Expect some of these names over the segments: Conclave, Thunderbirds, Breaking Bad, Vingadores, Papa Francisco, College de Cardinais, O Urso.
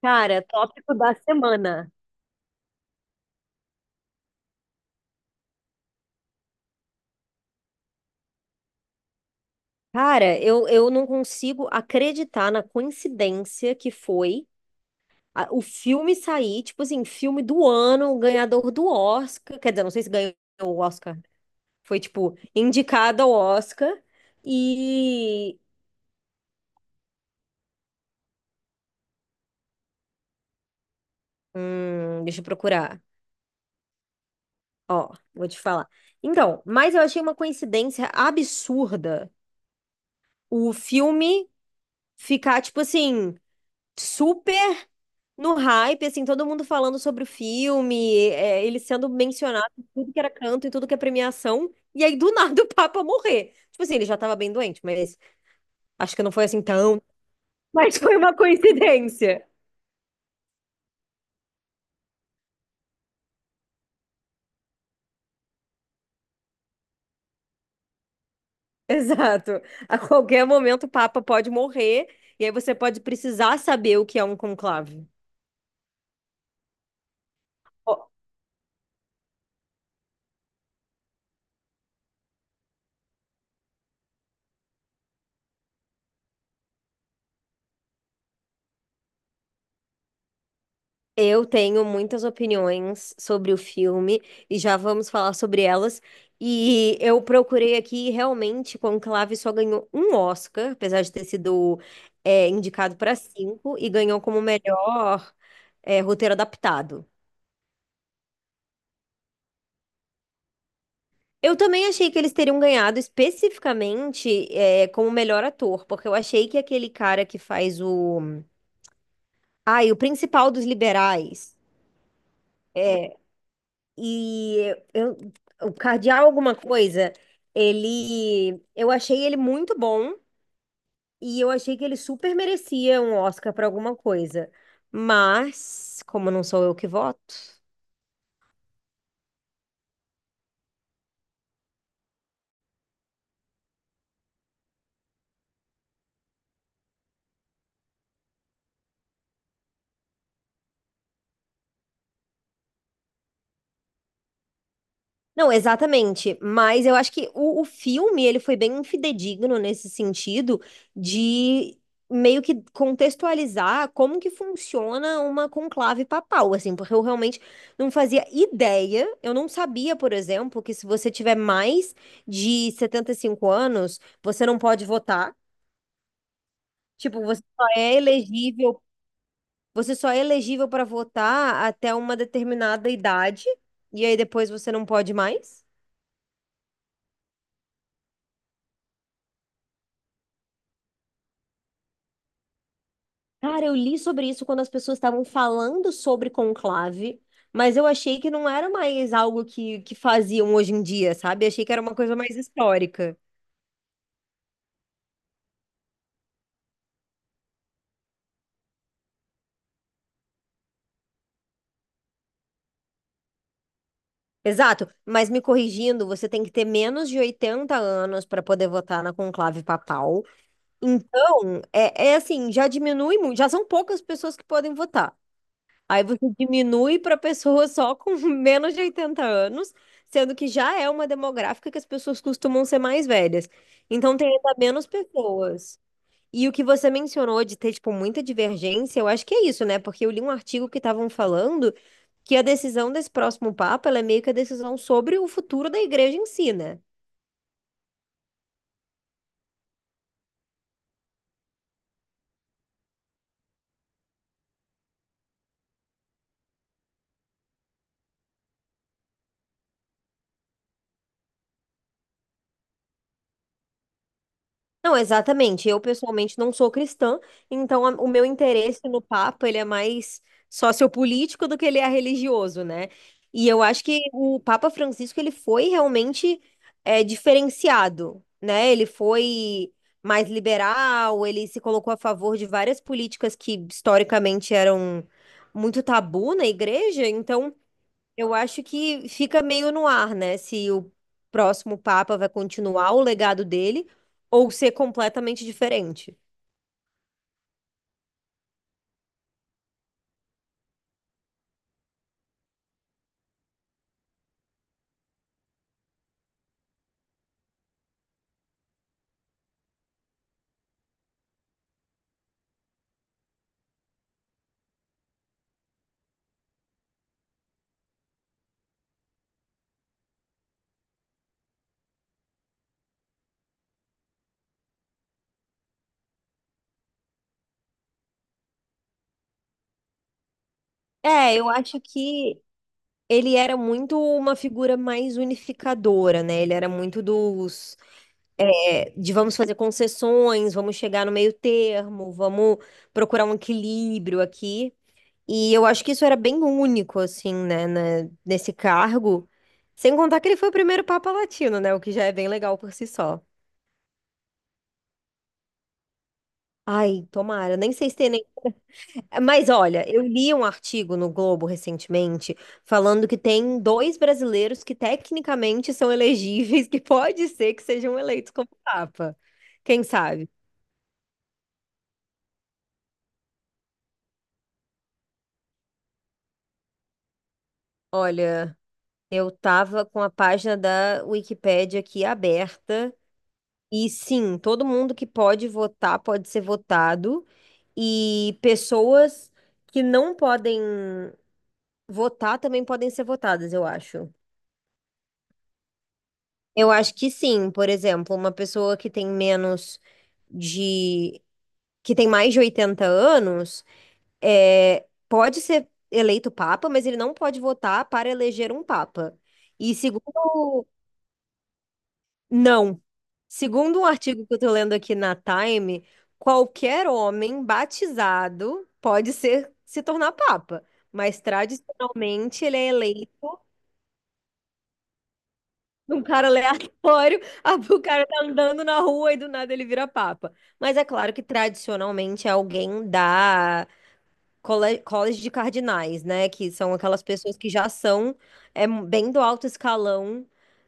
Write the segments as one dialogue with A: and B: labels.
A: Cara, tópico da semana. Cara, eu não consigo acreditar na coincidência que foi o filme sair, tipo assim, filme do ano, ganhador do Oscar. Quer dizer, não sei se ganhou o Oscar. Foi, tipo, indicado ao Oscar. E. Deixa eu procurar. Ó, vou te falar. Então, mas eu achei uma coincidência absurda o filme ficar, tipo assim, super no hype, assim, todo mundo falando sobre o filme, ele sendo mencionado em tudo que era canto e tudo que é premiação. E aí, do nada, o Papa morrer. Tipo assim, ele já tava bem doente, mas acho que não foi assim tão. Mas foi uma coincidência. Exato. A qualquer momento o Papa pode morrer, e aí você pode precisar saber o que é um conclave. Eu tenho muitas opiniões sobre o filme e já vamos falar sobre elas. E eu procurei aqui e realmente Conclave só ganhou um Oscar, apesar de ter sido indicado para cinco, e ganhou como melhor roteiro adaptado. Eu também achei que eles teriam ganhado especificamente como melhor ator, porque eu achei que aquele cara que faz o. Ai, o principal dos liberais. E eu, o Cardeal alguma coisa, ele, eu achei ele muito bom e eu achei que ele super merecia um Oscar para alguma coisa. Mas, como não sou eu que voto, não, exatamente. Mas eu acho que o filme ele foi bem fidedigno nesse sentido de meio que contextualizar como que funciona uma conclave papal, assim, porque eu realmente não fazia ideia. Eu não sabia, por exemplo, que se você tiver mais de 75 anos, você não pode votar. Tipo, você só é elegível, você só é elegível para votar até uma determinada idade, e aí depois você não pode mais. Cara, eu li sobre isso quando as pessoas estavam falando sobre conclave, mas eu achei que não era mais algo que faziam hoje em dia, sabe? Achei que era uma coisa mais histórica. Exato, mas me corrigindo, você tem que ter menos de 80 anos para poder votar na conclave papal. Então, é, é assim, já diminui muito, já são poucas pessoas que podem votar. Aí você diminui para pessoa só com menos de 80 anos, sendo que já é uma demográfica que as pessoas costumam ser mais velhas. Então tem ainda menos pessoas. E o que você mencionou de ter, tipo, muita divergência, eu acho que é isso, né? Porque eu li um artigo que estavam falando que a decisão desse próximo Papa, ela é meio que a decisão sobre o futuro da igreja em si, né? Não, exatamente. Eu pessoalmente não sou cristã, então o meu interesse no Papa, ele é mais sociopolítico do que ele é religioso, né? E eu acho que o Papa Francisco, ele foi realmente diferenciado, né? Ele foi mais liberal, ele se colocou a favor de várias políticas que historicamente eram muito tabu na igreja, então eu acho que fica meio no ar, né? Se o próximo Papa vai continuar o legado dele ou ser completamente diferente. É, eu acho que ele era muito uma figura mais unificadora, né? Ele era muito dos, é, de vamos fazer concessões, vamos chegar no meio termo, vamos procurar um equilíbrio aqui. E eu acho que isso era bem único, assim, né, nesse cargo. Sem contar que ele foi o primeiro Papa Latino, né? O que já é bem legal por si só. Ai, tomara, nem sei se tem nem. Mas olha, eu li um artigo no Globo recentemente falando que tem dois brasileiros que tecnicamente são elegíveis, que pode ser que sejam eleitos como papa. Quem sabe? Olha, eu tava com a página da Wikipédia aqui aberta e sim, todo mundo que pode votar pode ser votado e pessoas que não podem votar também podem ser votadas, eu acho. Eu acho que sim, por exemplo, uma pessoa que tem menos de, que tem mais de 80 anos, pode ser eleito papa, mas ele não pode votar para eleger um papa. E segundo, não, segundo um artigo que eu tô lendo aqui na Time, qualquer homem batizado pode ser se tornar papa, mas tradicionalmente ele é eleito um cara aleatório, o cara tá andando na rua e do nada ele vira papa. Mas é claro que tradicionalmente é alguém da cole- College de Cardinais, né? Que são aquelas pessoas que já são bem do alto escalão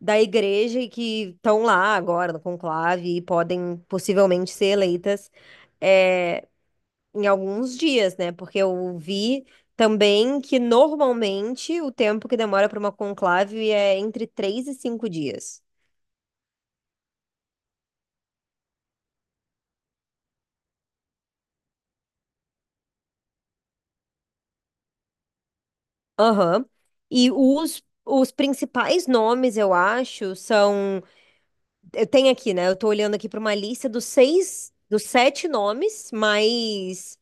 A: da igreja e que estão lá agora no conclave e podem possivelmente ser eleitas é, em alguns dias, né? Porque eu vi. Também que normalmente o tempo que demora para uma conclave é entre 3 e 5 dias. Aham. E os principais nomes, eu acho, são. Eu tenho aqui, né? Eu tô olhando aqui para uma lista dos seis, dos sete nomes mais,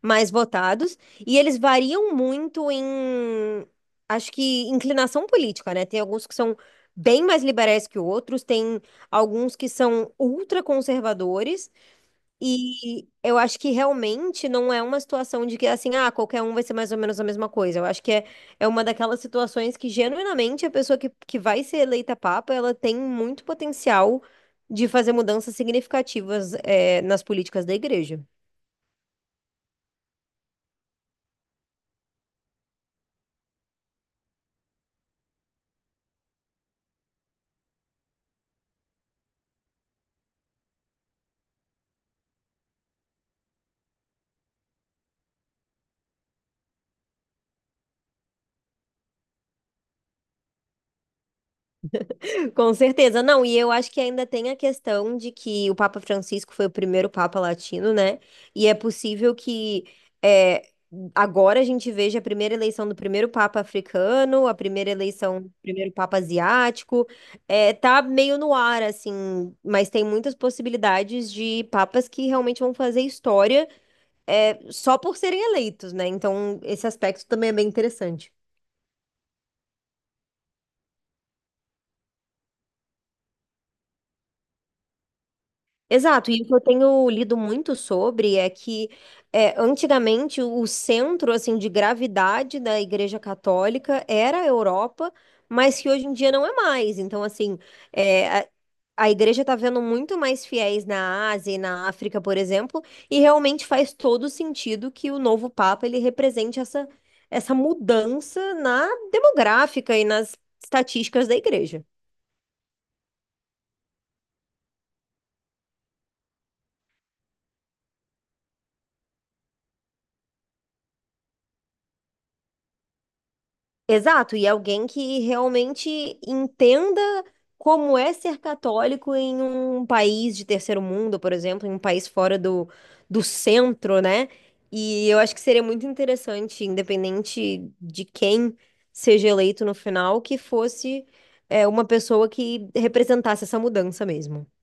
A: mais votados. E eles variam muito em, acho que, inclinação política, né? Tem alguns que são bem mais liberais que outros, tem alguns que são ultraconservadores e eu acho que realmente não é uma situação de que assim, ah, qualquer um vai ser mais ou menos a mesma coisa. Eu acho que é, é uma daquelas situações que genuinamente a pessoa que vai ser eleita papa, ela tem muito potencial de fazer mudanças significativas, nas políticas da igreja. Com certeza, não, e eu acho que ainda tem a questão de que o Papa Francisco foi o primeiro Papa latino, né? E é possível que é, agora a gente veja a primeira eleição do primeiro Papa africano, a primeira eleição do primeiro Papa asiático. É, tá meio no ar, assim, mas tem muitas possibilidades de papas que realmente vão fazer história só por serem eleitos, né? Então, esse aspecto também é bem interessante. Exato, e o que eu tenho lido muito sobre é que antigamente o centro assim de gravidade da Igreja Católica era a Europa, mas que hoje em dia não é mais. Então, assim, é, a, a Igreja está vendo muito mais fiéis na Ásia e na África, por exemplo, e realmente faz todo sentido que o novo Papa ele represente essa, essa mudança na demográfica e nas estatísticas da Igreja. Exato, e alguém que realmente entenda como é ser católico em um país de terceiro mundo, por exemplo, em um país fora do centro, né? E eu acho que seria muito interessante, independente de quem seja eleito no final, que fosse, uma pessoa que representasse essa mudança mesmo.